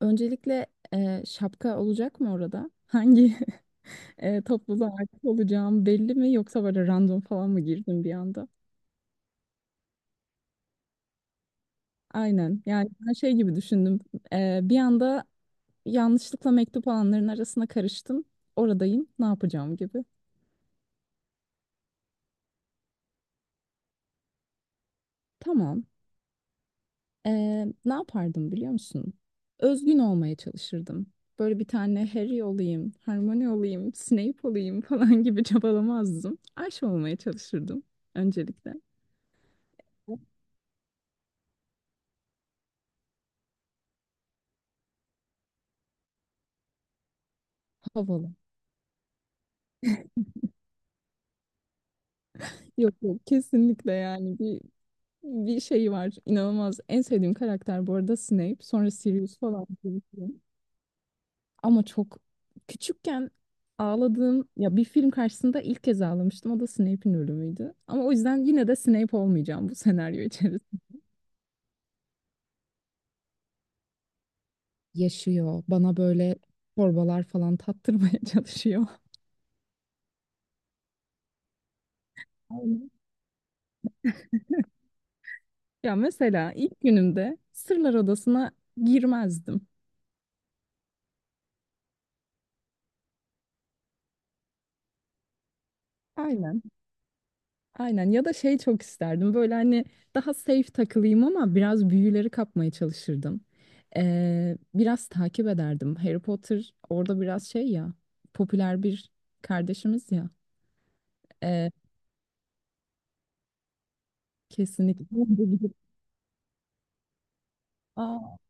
Öncelikle şapka olacak mı orada? Hangi topluluğa ait olacağım belli mi yoksa böyle random falan mı girdim bir anda? Aynen. Yani ben şey gibi düşündüm. Bir anda yanlışlıkla mektup alanların arasına karıştım. Oradayım. Ne yapacağım gibi. Tamam. E, ne yapardım biliyor musun? Özgün olmaya çalışırdım. Böyle bir tane Harry olayım, Hermione olayım, Snape olayım falan gibi çabalamazdım. Ayşe olmaya çalışırdım öncelikle. Havalı. Yok yok kesinlikle yani bir şey var, inanılmaz en sevdiğim karakter bu arada Snape, sonra Sirius falan birisi. Ama çok küçükken ağladığım, ya bir film karşısında ilk kez ağlamıştım, o da Snape'in ölümüydü, ama o yüzden yine de Snape olmayacağım bu senaryo içerisinde. Yaşıyor, bana böyle torbalar falan tattırmaya çalışıyor. Aynen. Ya mesela ilk günümde Sırlar Odası'na girmezdim. Aynen. Aynen, ya da şey, çok isterdim böyle hani daha safe takılayım ama biraz büyüleri kapmaya çalışırdım. Biraz takip ederdim. Harry Potter orada biraz şey ya, popüler bir kardeşimiz ya. Ee, kesinlikle. Aa.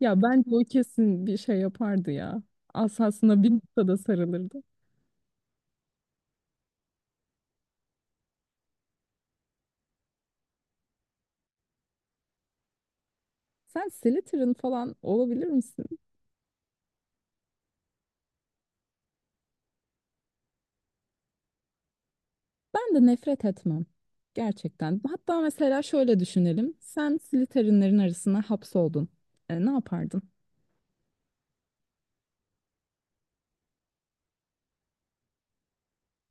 Ya bence o kesin bir şey yapardı ya. Asasına bir noktada sarılırdı. Sen Slytherin falan olabilir misin? Ben de nefret etmem. Gerçekten. Hatta mesela şöyle düşünelim. Sen Slytherin'lerin arasına hapsoldun. Ne yapardın?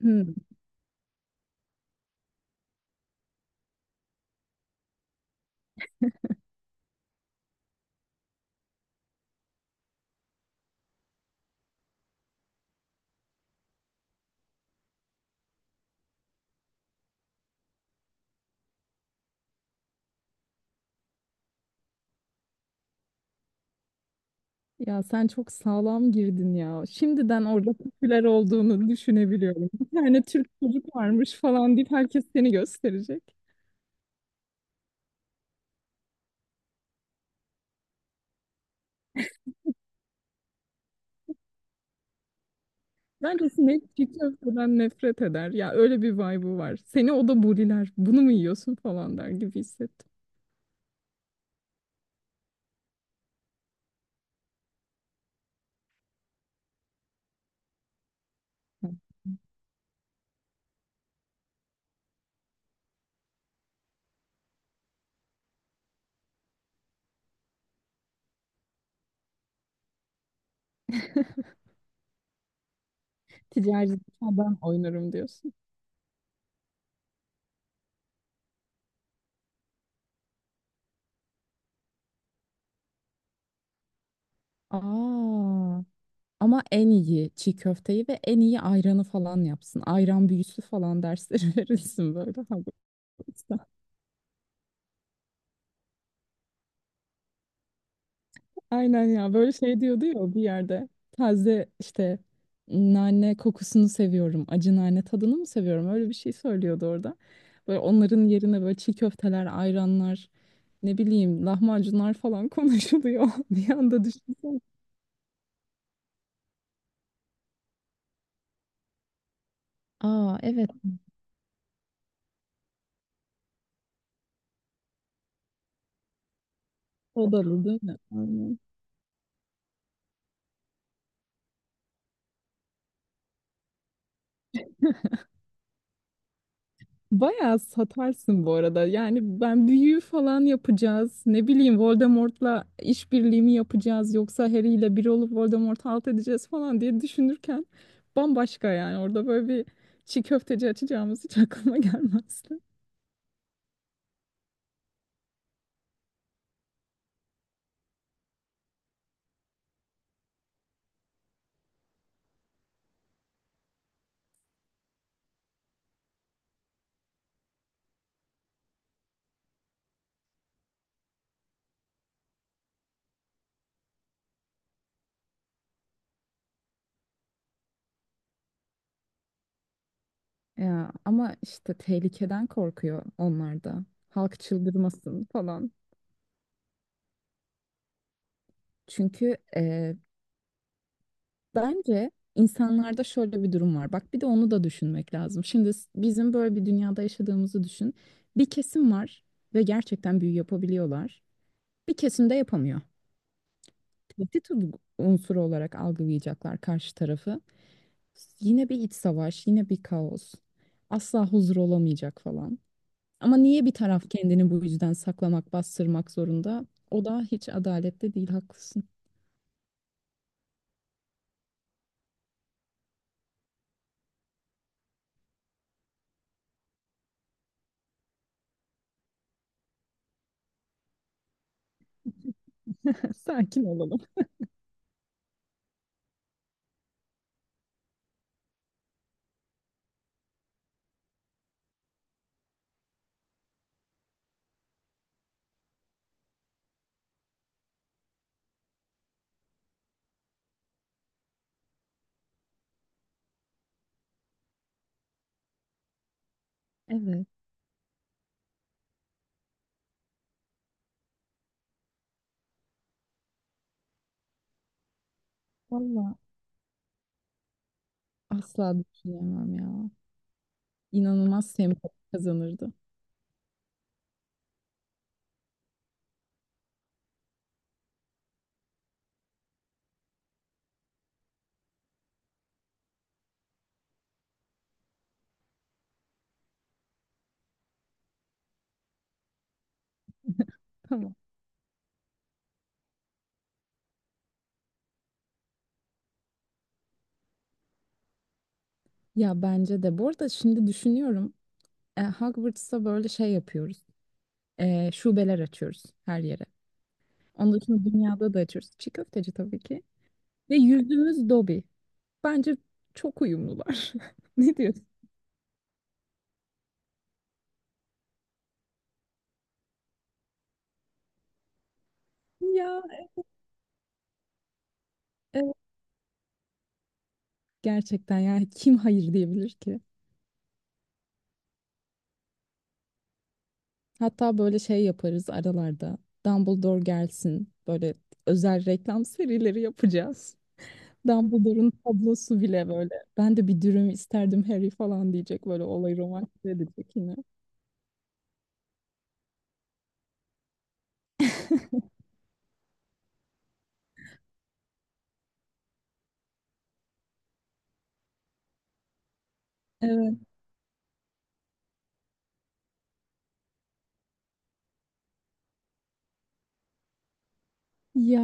Hmm. Ya sen çok sağlam girdin ya. Şimdiden orada popüler olduğunu düşünebiliyorum. Bir tane Türk çocuk varmış falan deyip herkes seni gösterecek. Bence sinek çiğ köfteden nefret eder. Ya öyle bir vibe'ı var. Seni o da buriler. Bunu mu yiyorsun falan der gibi hissettim. Ticaret ben oynarım diyorsun. Aa. Ama en iyi çiğ köfteyi ve en iyi ayranı falan yapsın. Ayran büyüsü falan dersleri verilsin böyle. Ha, bu Hogwarts'ta. Aynen ya, böyle şey diyordu ya bir yerde. Taze işte nane kokusunu seviyorum. Acı nane tadını mı seviyorum? Öyle bir şey söylüyordu orada. Böyle onların yerine böyle çiğ köfteler, ayranlar, ne bileyim lahmacunlar falan konuşuluyor. Bir anda düşünsene. Aa evet. Odalı değil mi? Aynen. Bayağı satarsın bu arada. Yani ben büyü falan yapacağız. Ne bileyim Voldemort'la işbirliği mi yapacağız yoksa Harry ile bir olup Voldemort'u alt edeceğiz falan diye düşünürken bambaşka yani. Orada böyle bir çiğ köfteci açacağımız hiç aklıma gelmezdi. Ya ama işte tehlikeden korkuyor onlar da. Halk çıldırmasın falan. Çünkü bence insanlarda şöyle bir durum var. Bak bir de onu da düşünmek lazım. Şimdi bizim böyle bir dünyada yaşadığımızı düşün. Bir kesim var ve gerçekten büyü yapabiliyorlar. Bir kesim de yapamıyor. Tehdit u- unsuru olarak algılayacaklar karşı tarafı. Yine bir iç savaş, yine bir kaos. Asla huzur olamayacak falan. Ama niye bir taraf kendini bu yüzden saklamak, bastırmak zorunda? O da hiç adaletli değil, haklısın. Sakin olalım. Evet. Valla asla düşünemem ya. İnanılmaz sempatik kazanırdı. Tamam. Ya bence de. Bu arada şimdi düşünüyorum. Hogwarts'ta böyle şey yapıyoruz. Şubeler açıyoruz her yere. Onun dışında dünyada da açıyoruz. Çiğ köfteci tabii ki. Ve yüzümüz Dobby. Bence çok uyumlular. Ne diyorsun? Ya evet, gerçekten yani kim hayır diyebilir ki? Hatta böyle şey yaparız aralarda. Dumbledore gelsin. Böyle özel reklam serileri yapacağız. Dumbledore'un tablosu bile böyle. Ben de bir dürüm isterdim Harry falan diyecek, böyle olayı romantize edecek yine. Evet. Ya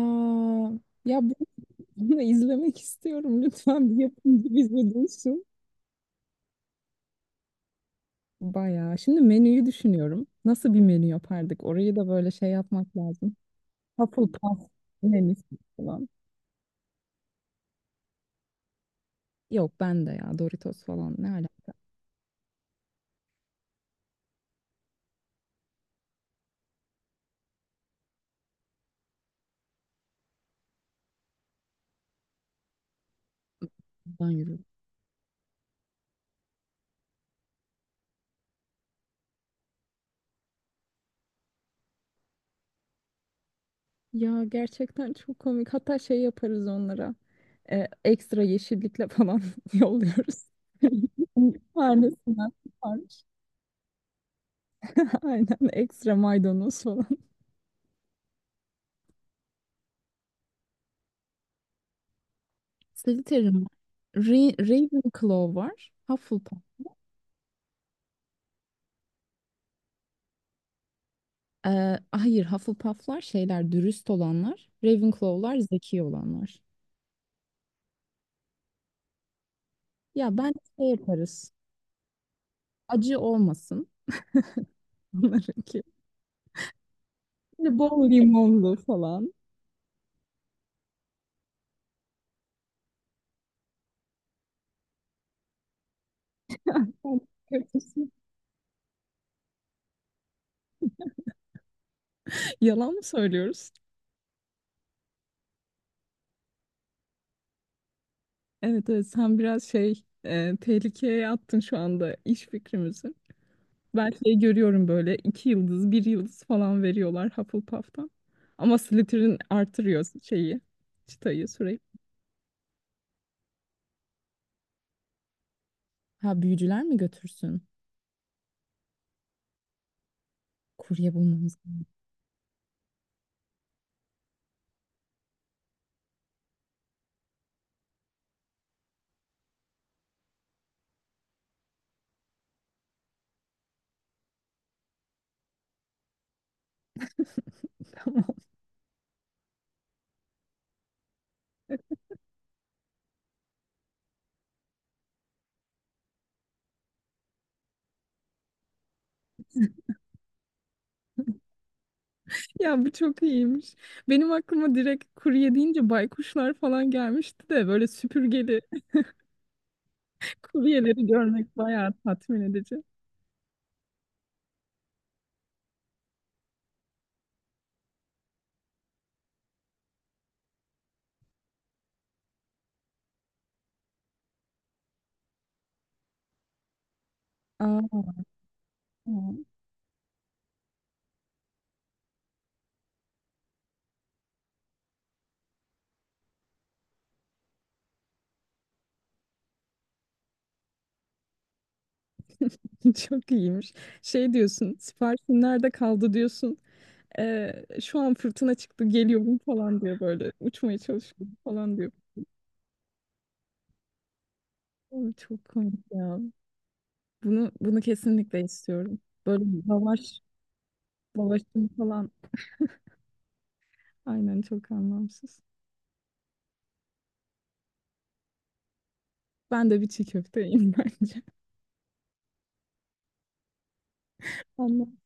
ya bunu izlemek istiyorum, lütfen bir yapımcı bizi duysun. Bayağı. Şimdi menüyü düşünüyorum. Nasıl bir menü yapardık? Orayı da böyle şey yapmak lazım. Hufflepuff menüsü falan. Yok ben de, ya Doritos falan ne alaka? Ben yürüyorum. Ya gerçekten çok komik. Hatta şey yaparız onlara. Ekstra yeşillikle falan yolluyoruz. Tanesinden tutarmış. Aynen, ekstra maydanoz falan. Slytherin var. Ravenclaw var. Hufflepuff. Hayır Hufflepuff'lar şeyler, dürüst olanlar. Ravenclaw'lar zeki olanlar. Ya ben şey yaparız. Acı olmasın onlarınki. Şimdi bol limonlu falan. Yalan mı söylüyoruz? Evet, evet sen biraz şey, tehlikeye attın şu anda iş fikrimizi. Ben şey görüyorum, böyle iki yıldız bir yıldız falan veriyorlar Hufflepuff'tan. Ama Slytherin artırıyor şeyi, çıtayı sürekli. Ha, büyücüler mi götürsün? Kurye bulmamız lazım. Tamam. Ya bu çok iyiymiş. Benim aklıma direkt kurye deyince baykuşlar falan gelmişti de böyle süpürgeli kuryeleri görmek bayağı tatmin edici. Aa. Çok iyiymiş. Şey diyorsun, siparişin nerede kaldı diyorsun. Şu an fırtına çıktı geliyorum falan diyor böyle. Uçmaya çalışıyor falan diyor. Ay, çok komik ya. Bunu kesinlikle istiyorum. Böyle lavaş, lavaşın falan. Aynen çok anlamsız. Ben de bir çiğ köfteyim bence. Anlamsız.